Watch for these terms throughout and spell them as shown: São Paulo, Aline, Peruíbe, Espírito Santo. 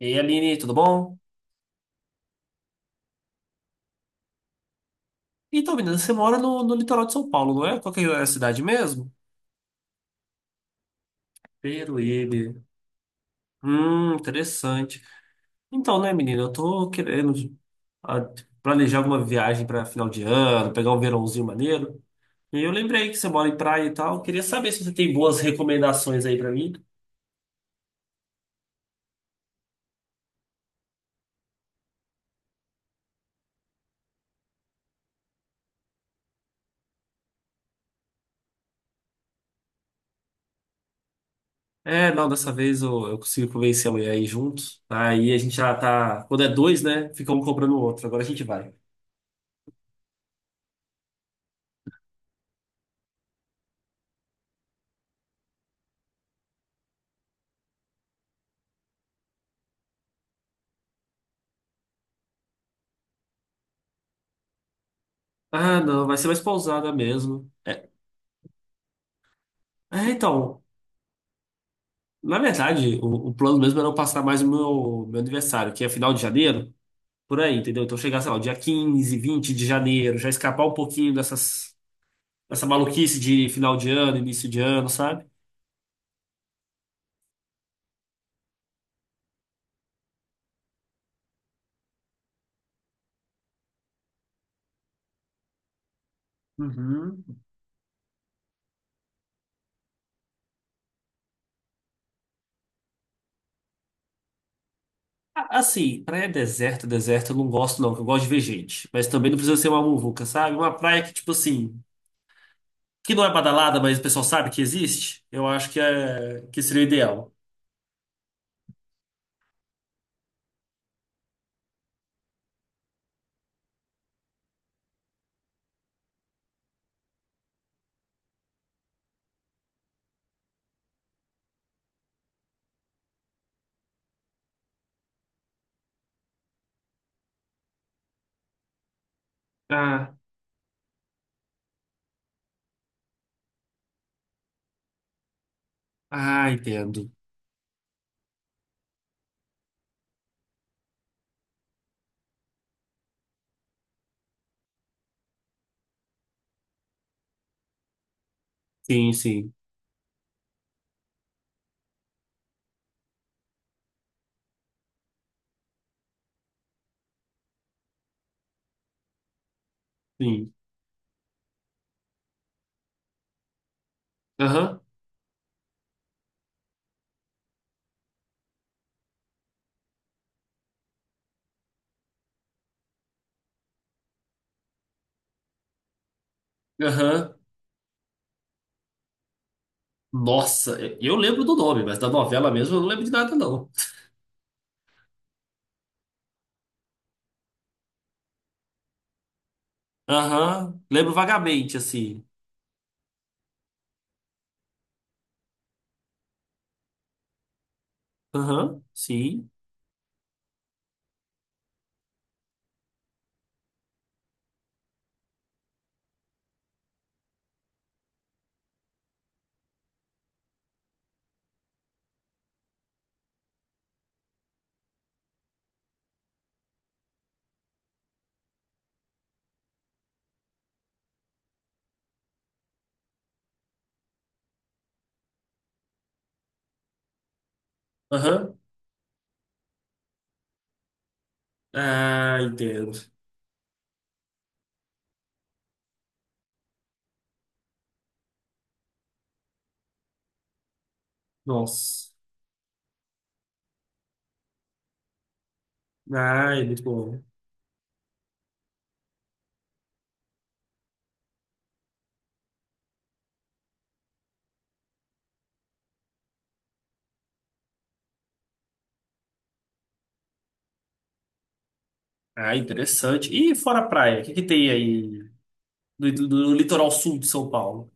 E aí, Aline, tudo bom? Então, menina, você mora no litoral de São Paulo, não é? Qual que é a cidade mesmo? Peruíbe. Interessante. Então, né, menina, eu tô querendo ah, planejar alguma viagem para final de ano, pegar um verãozinho maneiro. E eu lembrei que você mora em praia e tal. Queria saber se você tem boas recomendações aí para mim. É, não, dessa vez eu consigo convencer a mulher aí juntos. Aí a gente já tá. Quando é dois, né? Fica um cobrando o outro. Agora a gente vai. Ah, não, vai ser mais pousada mesmo. É, então. Na verdade, o plano mesmo era eu passar mais o meu aniversário, que é final de janeiro, por aí, entendeu? Então chegar, sei lá, o dia 15, 20 de janeiro, já escapar um pouquinho dessas, dessa maluquice de final de ano, início de ano, sabe? Uhum. Assim, praia deserta, eu não gosto não, que eu gosto de ver gente. Mas também não precisa ser uma muvuca, sabe? Uma praia que, tipo assim, que não é badalada, mas o pessoal sabe que existe, eu acho que, é, que seria o ideal. Ah, ah, entendo. Sim, sim, sim. Aham, aham. Nossa, eu lembro do nome, mas da novela mesmo eu não lembro de nada, não. Aham, lembro vagamente, assim. Aham, sim. Aham. Ah, entendo. Nossa. Ah, é muito bom. Ah, interessante. E fora a praia, o que que tem aí no litoral sul de São Paulo?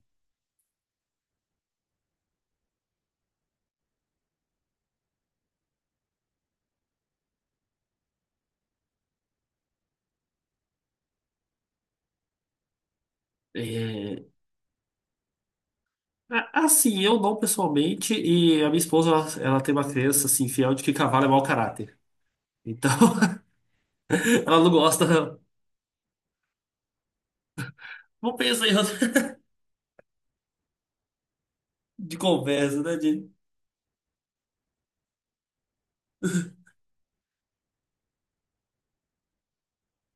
É, assim, eu não pessoalmente, e a minha esposa, ela tem uma crença, assim, fiel de que cavalo é mau caráter. Então, ela não gosta, não pensa em de conversa, né?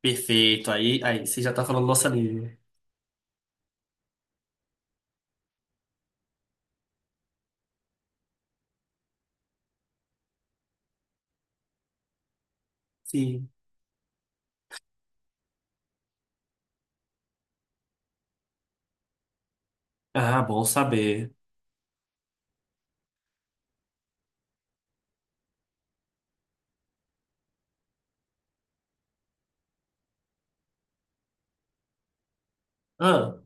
Perfeito. Aí, você já tá falando nossa língua. Sim. Ah, bom saber. Ah,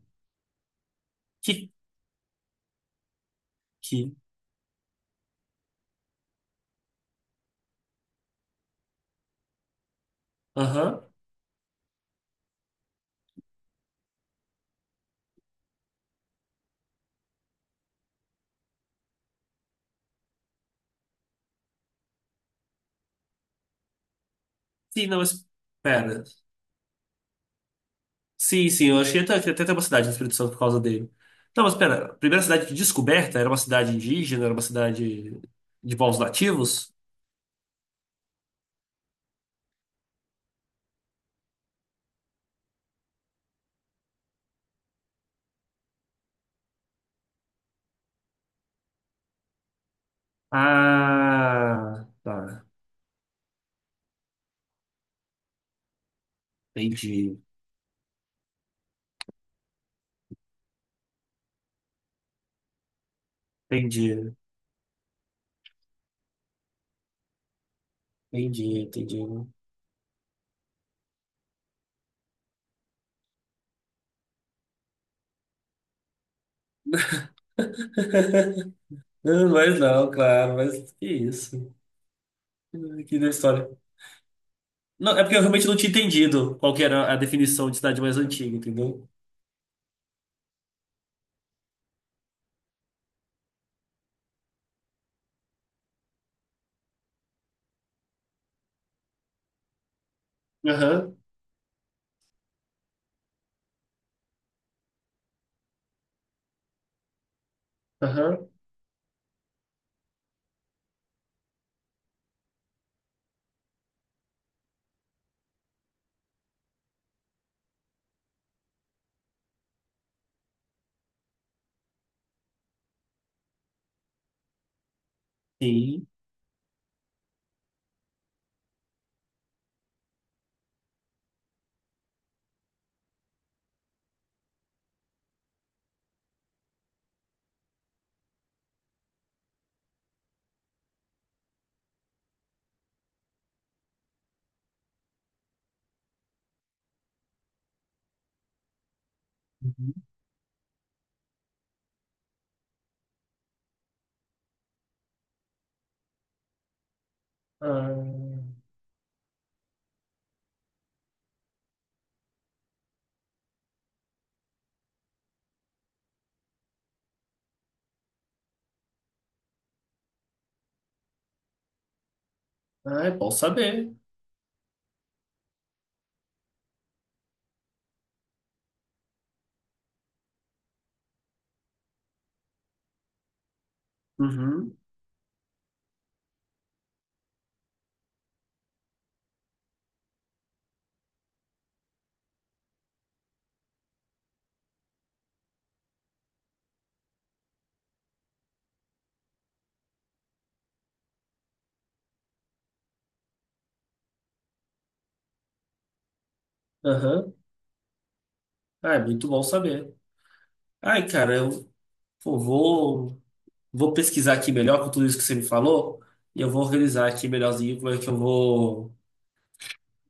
que, que, aham. Sim, não, mas, pera. Sim, sim, eu achei até, que até tem uma cidade no Espírito Santo por causa dele. Não, mas pera, a primeira cidade de descoberta era uma cidade indígena, era uma cidade de povos nativos? Ah, tá. Entendi, entendi, entendi. Ah, mas não, claro, mas que isso. Que da história. Não, é porque eu realmente não tinha entendido qual que era a definição de cidade mais antiga, entendeu? Aham, aham. Sim. Uhum. Ah, ah, é bom saber. Uhum, aham. Ah, é muito bom saber. Ai, cara, pô, vou, vou pesquisar aqui melhor com tudo isso que você me falou e eu vou organizar aqui melhorzinho como é que eu vou.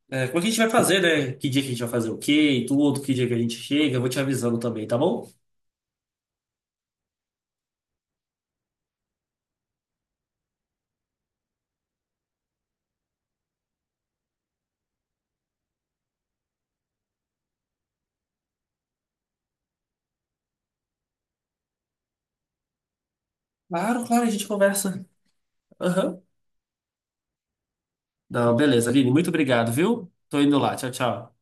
É, como é que a gente vai fazer, né? Que dia que a gente vai fazer o quê e tudo, que dia que a gente chega, eu vou te avisando também, tá bom? Claro, claro, a gente conversa. Aham. Não, beleza, Vini, muito obrigado, viu? Tô indo lá. Tchau, tchau.